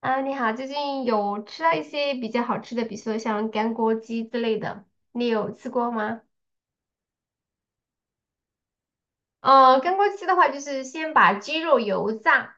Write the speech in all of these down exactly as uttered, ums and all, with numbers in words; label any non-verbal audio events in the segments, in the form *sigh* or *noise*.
啊，你好，最近有吃到一些比较好吃的，比如说像干锅鸡之类的，你有吃过吗？呃，干锅鸡的话，就是先把鸡肉油炸，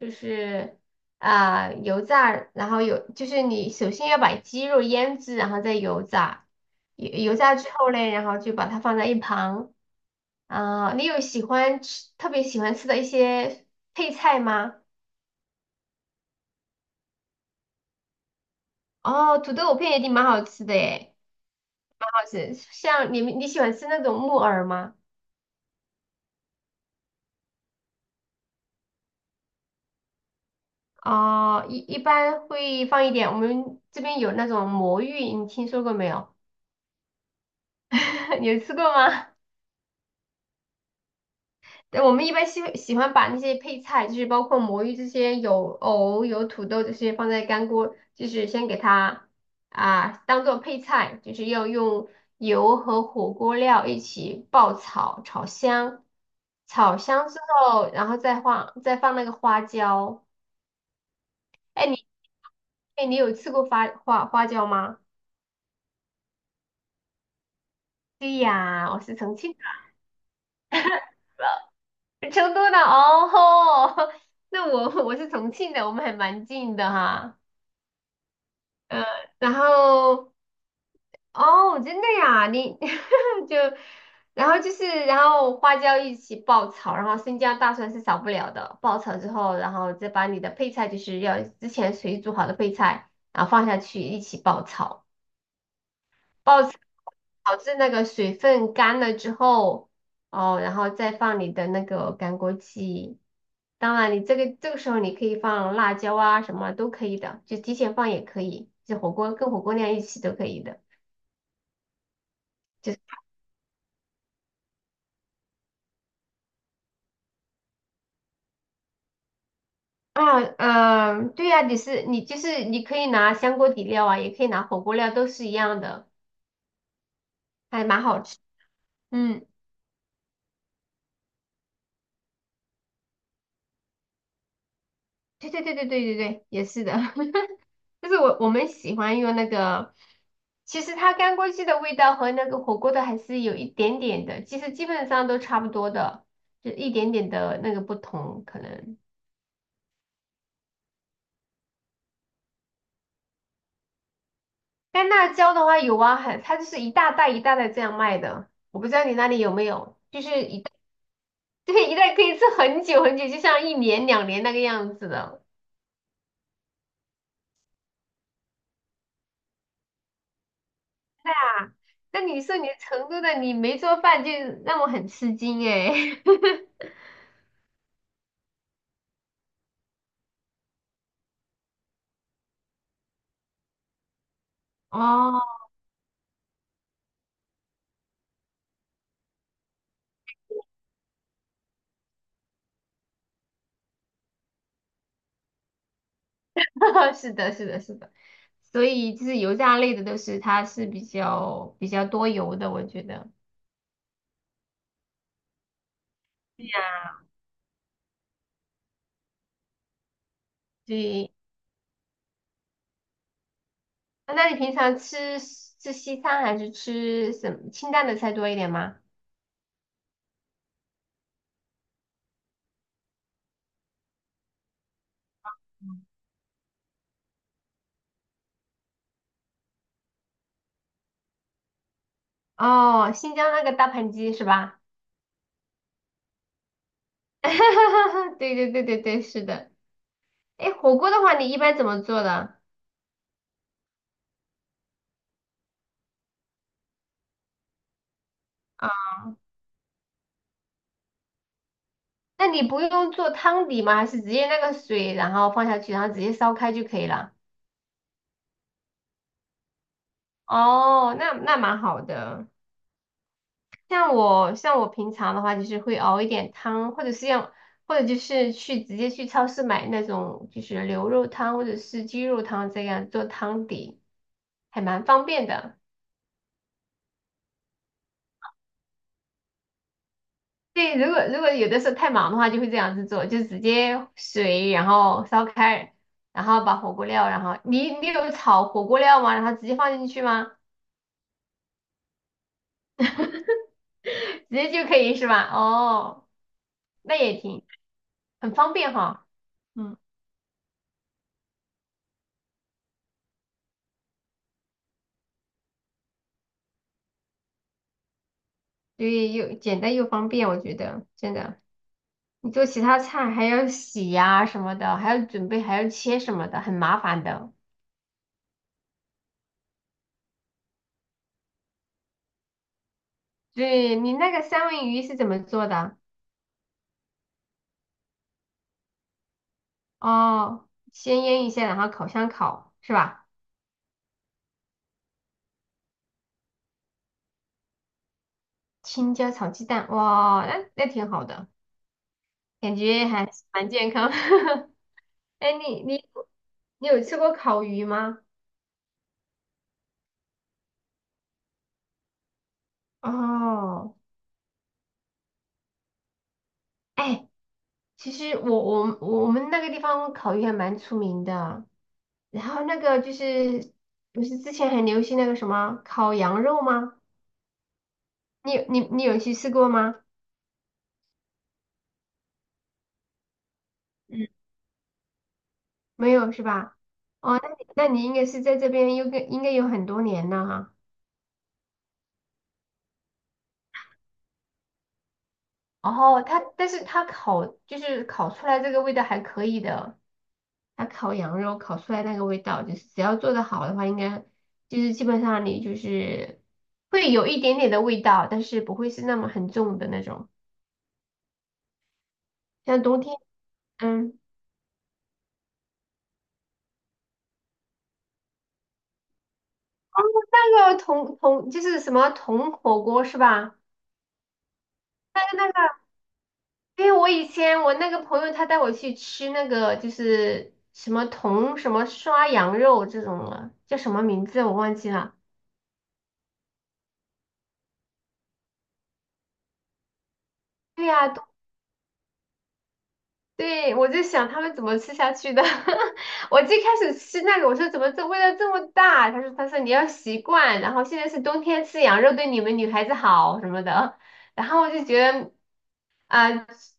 就是啊、油炸，然后有就是你首先要把鸡肉腌制，然后再油炸，油油炸之后嘞，然后就把它放在一旁。啊、你有喜欢吃特别喜欢吃的一些配菜吗？哦，土豆片也挺蛮好吃的诶。好吃。像你们你喜欢吃那种木耳吗？哦，一一般会放一点。我们这边有那种魔芋，你听说过没有？*laughs* 你有吃过吗？对，我们一般喜喜欢把那些配菜，就是包括魔芋这些，有藕、有土豆这些，放在干锅，就是先给它啊当做配菜，就是要用油和火锅料一起爆炒，炒香，炒香之后，然后再放再放那个花椒。哎，你哎，你有吃过花花花椒吗？对呀，我是重庆的。成都的哦吼。*laughs* 那我我是重庆的，我们还蛮近的哈。嗯，然后哦，真的呀，你 *laughs* 就然后就是然后花椒一起爆炒，然后生姜大蒜是少不了的。爆炒之后，然后再把你的配菜，就是要之前水煮好的配菜，然后放下去一起爆炒。哦，导致那个水分干了之后，哦，然后再放你的那个干锅鸡。当然，你这个这个时候你可以放辣椒啊，什么都可以的，就提前放也可以，就火锅跟火锅料一起都可以的。就是啊，嗯、对呀、你是你就是你可以拿香锅底料啊，也可以拿火锅料，都是一样的，还蛮好吃。嗯，对对对对对对对，也是的。*laughs* 就是我我们喜欢用那个，其实它干锅鸡的味道和那个火锅的还是有一点点的，其实基本上都差不多的，就一点点的那个不同可能。干辣椒的话有啊，很，它就是一大袋一大袋这样卖的，我不知道你那里有没有，就是一袋，*laughs* 对，一袋可以吃很久很久，就像一年两年那个样子的。啊。那你说你成都的，你没做饭就让我很吃惊诶。*laughs* 哦，*laughs* 是的，是的，是的，所以就是油炸类的都是它是比较比较多油的，我觉得。对呀，对，那你平常吃吃西餐还是吃什么清淡的菜多一点吗？哦，新疆那个大盘鸡是吧？*laughs* 对对对对对，是的。哎，火锅的话，你一般怎么做的啊？那你不用做汤底吗？还是直接那个水，然后放下去，然后直接烧开就可以了？哦，那那蛮好的。像我像我平常的话，就是会熬一点汤，或者是要，或者就是去直接去超市买那种就是牛肉汤或者是鸡肉汤这样做汤底，还蛮方便的。对，如果如果有的时候太忙的话，就会这样子做，就直接水然后烧开，然后把火锅料，然后你你有炒火锅料吗？然后直接放进去吗？*laughs* 直接就可以是吧？哦，那也挺很方便哈。嗯。对，又简单又方便，我觉得真的。你做其他菜还要洗呀、什么的，还要准备，还要切什么的，很麻烦的。对，你那个三文鱼是怎么做的？哦，先腌一下，然后烤箱烤，是吧？青椒炒鸡蛋，哇，那那挺好的，感觉还蛮健康。*laughs* 哎，你你你有吃过烤鱼吗？哦。哎，其实我我我们那个地方烤鱼还蛮出名的，然后那个就是不是之前很流行那个什么烤羊肉吗？你有你你有去吃过吗？嗯，没有是吧？哦，那你那你应该是在这边有个应该有很多年了哈。哦，它但是它烤就是烤出来这个味道还可以的。它烤羊肉烤出来那个味道，就是只要做的好的话，应该就是基本上你就是会有一点点的味道，但是不会是那么很重的那种。像冬天，嗯，那个铜铜就是什么铜火锅是吧？那个那个，因为我以前我那个朋友他带我去吃那个就是什么铜什么涮羊肉这种了，叫什么名字我忘记了。对呀、对，我在想他们怎么吃下去的。*laughs* 我最开始吃那个，我说怎么这味道这么大？他说他说你要习惯，然后现在是冬天吃羊肉对你们女孩子好什么的。然后我就觉得啊、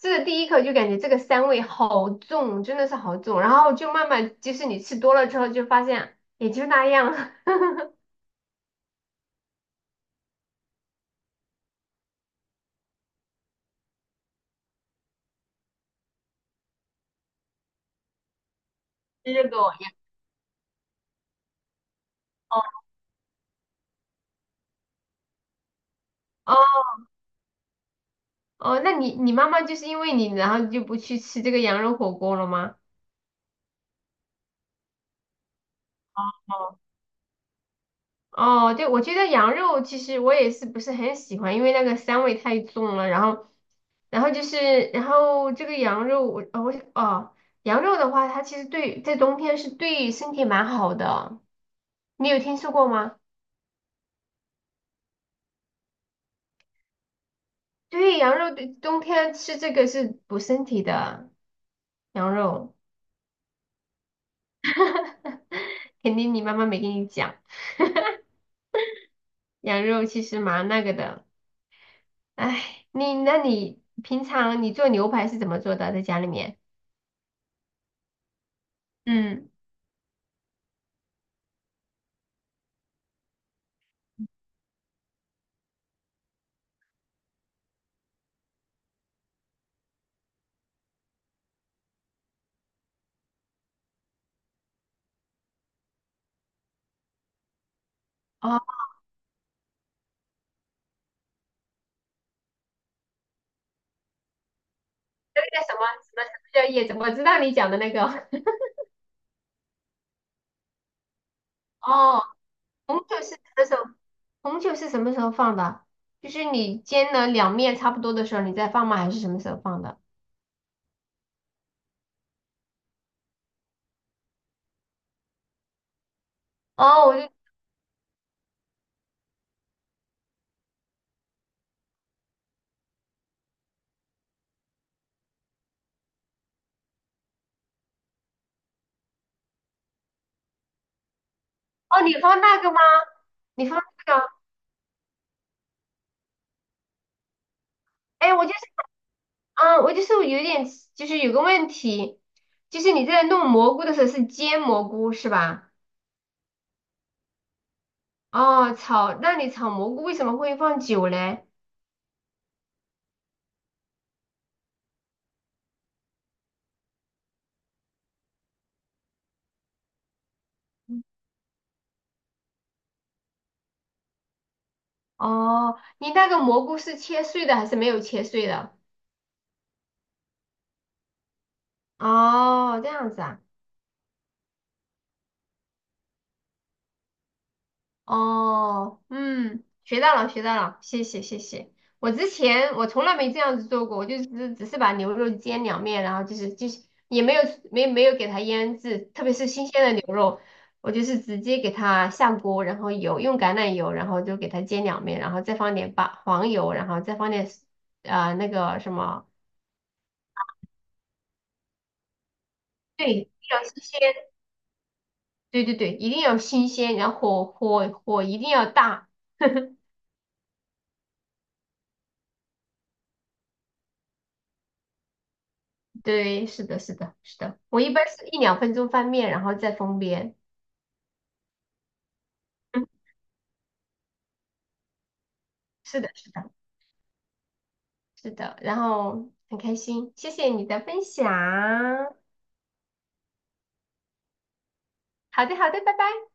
吃了第一口就感觉这个膻味好重，真的是好重。然后就慢慢，就是你吃多了之后就发现也就那样，*laughs* 吃这个玩意儿。哦哦，那你你妈妈就是因为你，然后就不去吃这个羊肉火锅了吗？哦，对，我觉得羊肉其实我也是不是很喜欢，因为那个膻味太重了。然后，然后就是，然后这个羊肉，我呃我哦，羊肉的话，它其实对在冬天是对身体蛮好的。你有听说过吗？对，羊肉对冬天吃这个是补身体的，羊肉 *laughs* 肯定你妈妈没跟你讲，羊肉其实蛮那个的。哎，你那你平常你做牛排是怎么做的？在家里面？嗯。哦那个什么什么什么叫叶子？我知道你讲的那个哦，红酒是什么时候？红酒是什么时候放的？就是你煎了两面差不多的时候，你再放吗？还是什么时候放的？哦，我就哦，你放那个吗？你放那个？哎，我就是嗯，我就是有点，就是有个问题，就是你在弄蘑菇的时候是煎蘑菇是吧？哦，炒，那你炒蘑菇为什么会放酒嘞？哦，你那个蘑菇是切碎的还是没有切碎的？哦，这样子啊。哦，嗯，学到了，学到了，谢谢，谢谢。我之前我从来没这样子做过，我就只只是把牛肉煎两面，然后就是就是也没有没没有给它腌制，特别是新鲜的牛肉，我就是直接给它下锅，然后油用橄榄油，然后就给它煎两面，然后再放点八黄油，然后再放点啊、那个什么，对，一定要新鲜，对对对，一定要新鲜，然后火火火一定要大。*laughs* 对，是的，是的，是的。我一般是一两分钟翻面，然后再封边。嗯，是的，是的，是的。然后很开心，谢谢你的分享。好的，好的，拜拜。